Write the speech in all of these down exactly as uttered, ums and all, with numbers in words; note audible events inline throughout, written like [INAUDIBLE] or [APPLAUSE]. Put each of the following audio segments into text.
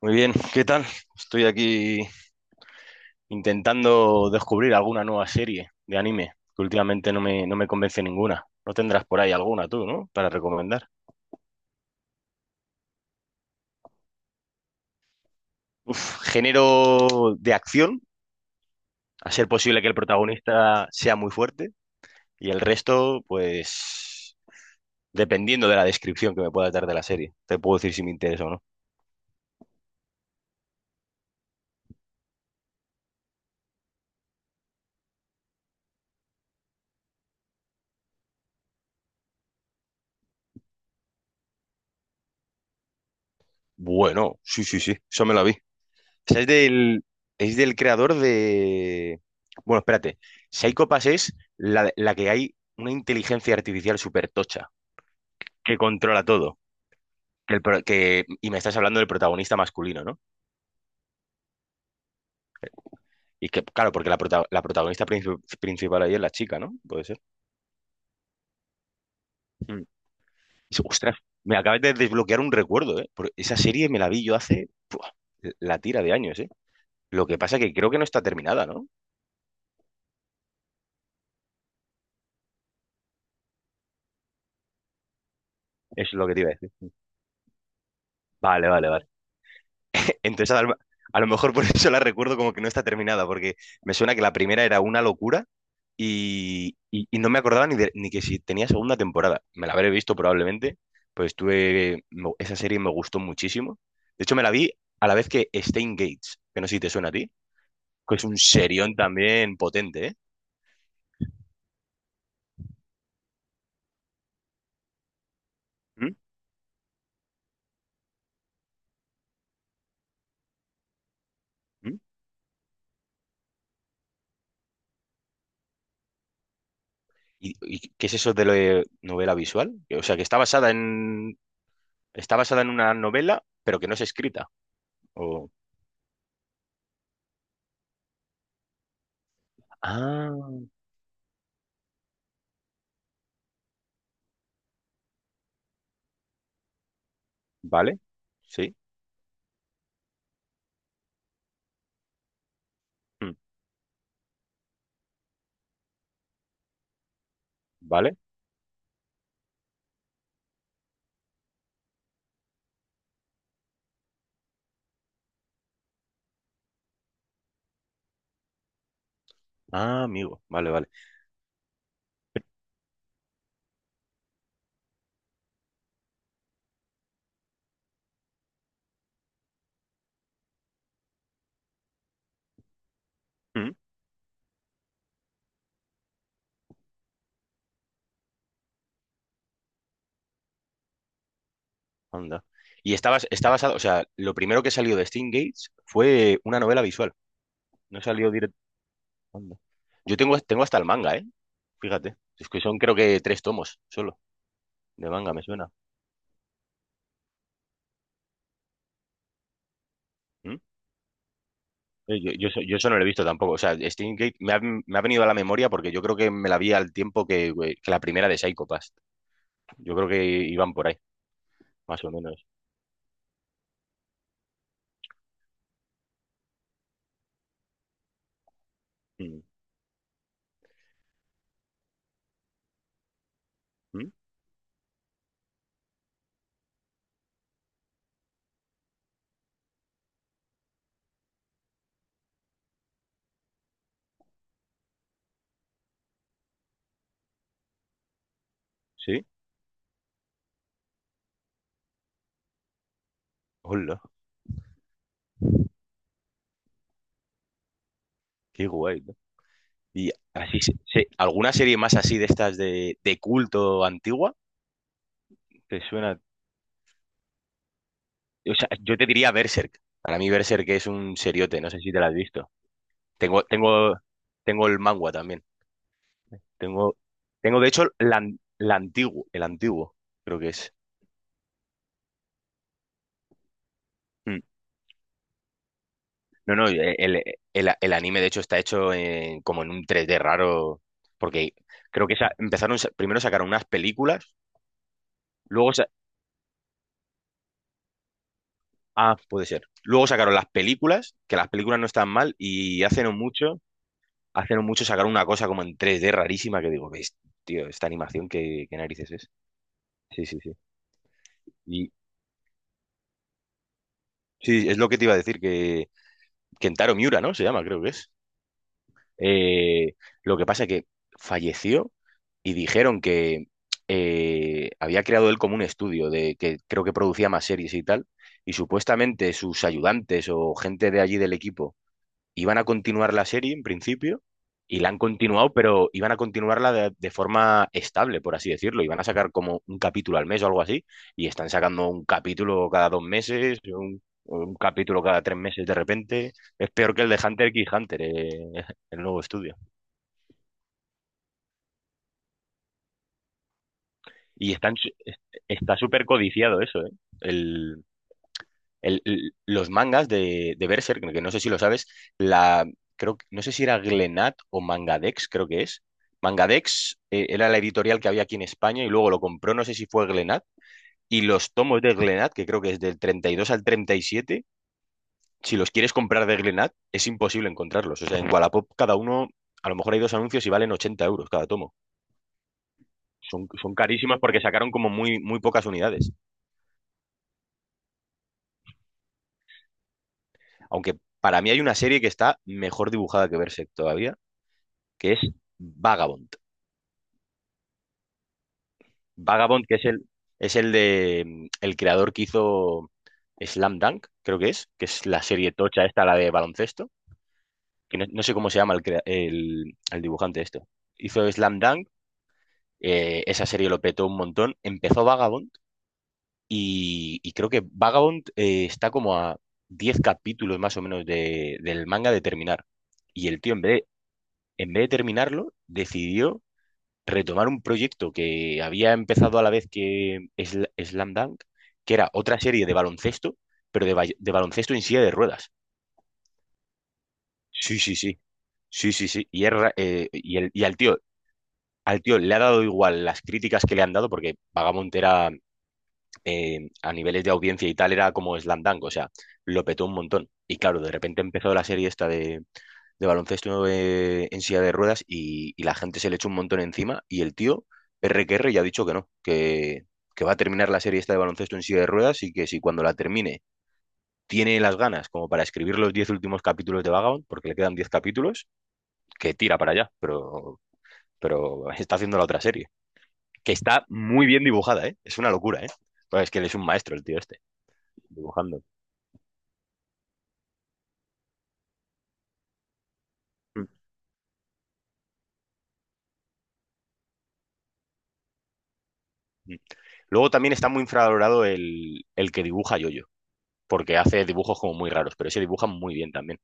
Muy bien, ¿qué tal? Estoy aquí intentando descubrir alguna nueva serie de anime, que últimamente no me, no me convence ninguna. No tendrás por ahí alguna tú, ¿no? Para recomendar. Género de acción, a ser posible que el protagonista sea muy fuerte, y el resto, pues, dependiendo de la descripción que me pueda dar de la serie, te puedo decir si me interesa o no. Bueno, sí, sí, sí, eso me la vi. O sea, es del, es del creador de... Bueno, espérate. Psycho Pass es la, la que hay una inteligencia artificial súper tocha, que controla todo. Que el pro- que- Y me estás hablando del protagonista masculino, ¿no? Y que, claro, porque la, prota- la protagonista princi- principal ahí es la chica, ¿no? Puede ser. Mm. Es- Ostras, me acabas de desbloquear un recuerdo, ¿eh? Porque esa serie me la vi yo hace ¡buah! La tira de años, ¿eh? Lo que pasa que creo que no está terminada, ¿no? Es lo que te iba a decir. Vale, vale, vale. Entonces, a lo, a lo mejor por [LAUGHS] eso la recuerdo como que no está terminada, porque me suena que la primera era una locura y, y- y no me acordaba ni, de- ni que si tenía segunda temporada. Me la habré visto probablemente, pues tuve, me- esa serie me gustó muchísimo. De hecho, me la vi a la vez que Stain Gates, que no sé si te suena a ti, que es un serión también potente, ¿eh? ¿Mm? ¿Mm? ¿Y, y qué es eso de la novela visual? O sea, que está basada en, está basada en una novela, pero que no es escrita. O... Ah. ¿Vale? Sí. Mm. ¿Vale? Ah, amigo. Vale, vale. Mm. Anda. Y está, bas- está basado, o sea, lo primero que salió de Steam Gates fue una novela visual. No salió directo. Anda. Yo tengo, tengo hasta el manga, ¿eh? Fíjate. Es que son creo que tres tomos solo de manga, me suena. ¿Mm? Eh, Yo, yo, eso yo eso no lo he visto tampoco. O sea, Steam Gate me ha, me ha venido a la memoria porque yo creo que me la vi al tiempo que, güey, que la primera de Psycho Pass. Yo creo que iban por ahí, más o menos. Mm. ¿Mm? ¿Sí? Hola, qué guay. Y así, se- se- ¿alguna serie más así de estas de, de culto antigua? ¿Te suena? O sea, yo te diría Berserk. Para mí Berserk es un seriote, no sé si te la has visto. Tengo, tengo, tengo el manga también. Tengo, tengo de hecho la, an- la antiguo, el antiguo, creo que es. Mm. No, no, el, el- el- el anime de hecho está hecho en- como en un tres D raro, porque creo que esa- empezaron, sa- primero sacaron unas películas, luego. Ah, puede ser. Luego sacaron las películas, que las películas no están mal, y hace no mucho, hace no mucho sacaron una cosa como en tres D rarísima que digo, "Ves, tío, esta animación, ¿qué, qué narices es?" Sí, sí, sí. Y sí, es lo que te iba a decir, que Kentaro Miura, ¿no? Se llama, creo que es. Eh, lo que pasa que falleció y dijeron que eh, había creado él como un estudio de que creo que producía más series y tal, y supuestamente sus ayudantes o gente de allí del equipo iban a continuar la serie en principio y la han continuado, pero iban a continuarla de, de forma estable, por así decirlo. Iban a sacar como un capítulo al mes o algo así y están sacando un capítulo cada dos meses, un, un capítulo cada tres meses de repente. Es peor que el de Hunter x Hunter, eh, [LAUGHS] el nuevo estudio. Y están, su- está súper codiciado eso, ¿eh? El, el- l- los mangas de, de Berserk, que no sé si lo sabes, la, creo, que- no sé si era Glenat o Mangadex, creo que es. Mangadex eh, era la editorial que había aquí en España y luego lo compró, no sé si fue Glenat. Y los tomos de Glenat, que creo que es del treinta y dos al treinta y siete, si los quieres comprar de Glenat, es imposible encontrarlos. O sea, en Wallapop cada uno, a lo mejor hay dos anuncios y valen ochenta euros cada tomo. Son, son carísimas porque sacaron como muy, muy pocas unidades. Aunque para mí hay una serie que está mejor dibujada que Berserk todavía, que es Vagabond. Vagabond, que es el, es el de mm, el creador que hizo Slam Dunk, creo que es, que es la serie tocha esta, la de baloncesto, que no, no sé cómo se llama el, crea- el, el dibujante esto. Hizo Slam Dunk, eh, esa serie lo petó un montón, empezó Vagabond y, y creo que Vagabond eh, está como a diez capítulos más o menos de- del manga de terminar. Y el tío, en vez de, en vez de terminarlo, decidió retomar un proyecto que había empezado a la vez que Sl- Slam Dunk, que era otra serie de baloncesto, pero de, ba- de baloncesto en silla de ruedas. Sí, sí, sí, sí, sí, sí. Y, es ra- eh, y, el, y al tío, al tío le ha dado igual las críticas que le han dado, porque Vagabond era, eh, a niveles de audiencia y tal, era como Slam Dunk, o sea, lo petó un montón. Y claro, de repente empezó la serie esta de, de baloncesto eh, en silla de ruedas y, y la gente se le echó un montón encima y el tío, R que R, ya ha dicho que no, que, que va a terminar la serie esta de baloncesto en silla de ruedas y que si cuando la termine tiene las ganas como para escribir los diez últimos capítulos de Vagabond, porque le quedan diez capítulos, que tira para allá, pero, pero [LAUGHS] está haciendo la otra serie, que está muy bien dibujada, ¿eh? Es una locura, ¿eh? Pues es que él es un maestro, el tío este, dibujando. Mm, mm. Luego también está muy infravalorado el, el que dibuja Yoyo. Porque hace dibujos como muy raros, pero ese dibuja muy bien también.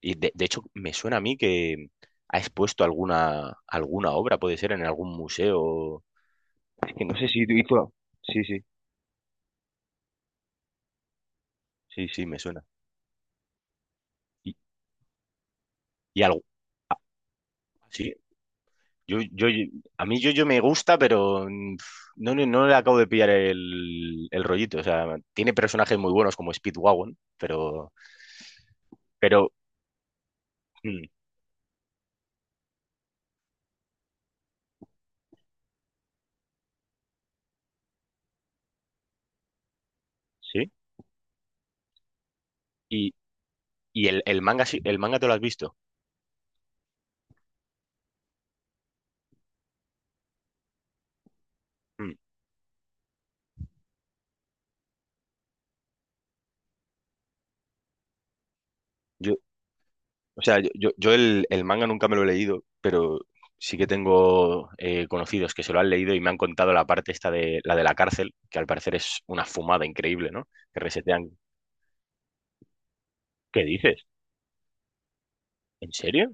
Y de, de hecho, me suena a mí que ha expuesto alguna, alguna obra, puede ser en algún museo. Es que no- No sé si hizo... Sí, sí. Sí, sí, me suena. Y, y algo. ah, Sí, yo, yo, yo- a mí yo, yo me gusta, pero mm, no, no, no le acabo de pillar el, el rollito. O sea, tiene personajes muy buenos como Speedwagon, pero, pero mm, sí. Y, y el, el manga, sí- el manga te lo has visto. Mm. Yo, O sea, yo, yo, yo el, el manga nunca me lo he leído, pero sí que tengo eh, conocidos que se lo han leído y me han contado la parte esta de la de la cárcel, que al parecer es una fumada increíble, ¿no? Que resetean. ¿Qué dices? ¿En serio?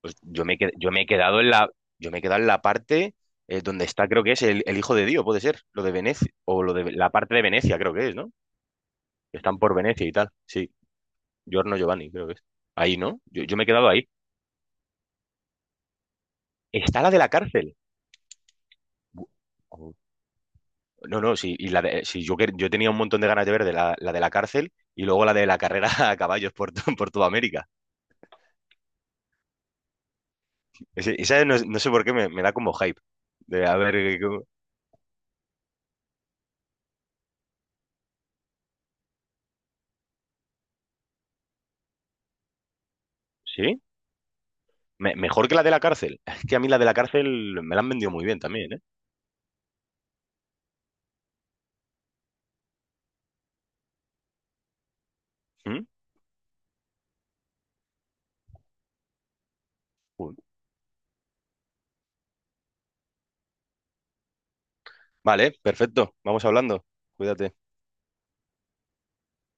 Pues yo me, he qued- yo me he quedado en la, yo me he quedado en la parte eh, donde está, creo que es el, el hijo de Dios, puede ser, lo de Venecia, o lo de la parte de Venecia, creo que es, ¿no? Que están por Venecia y tal. Sí, Giorno Giovanni, creo que es. Ahí, ¿no? Yo, yo me he quedado ahí. Está la de la cárcel. No, no, sí, y la de- sí, yo, quer- yo tenía un montón de ganas de ver de la, la de la cárcel y luego la de la carrera [LAUGHS] a caballos por, to- por toda América. Ese- esa no, no sé por qué me, me da como hype. De a ver, eh, cómo- ¿sí? Me- mejor que la de la cárcel. [LAUGHS] Es que a mí la de la cárcel me la han vendido muy bien también, ¿eh? ¿Mm? Uy. Vale, perfecto. Vamos hablando. Cuídate.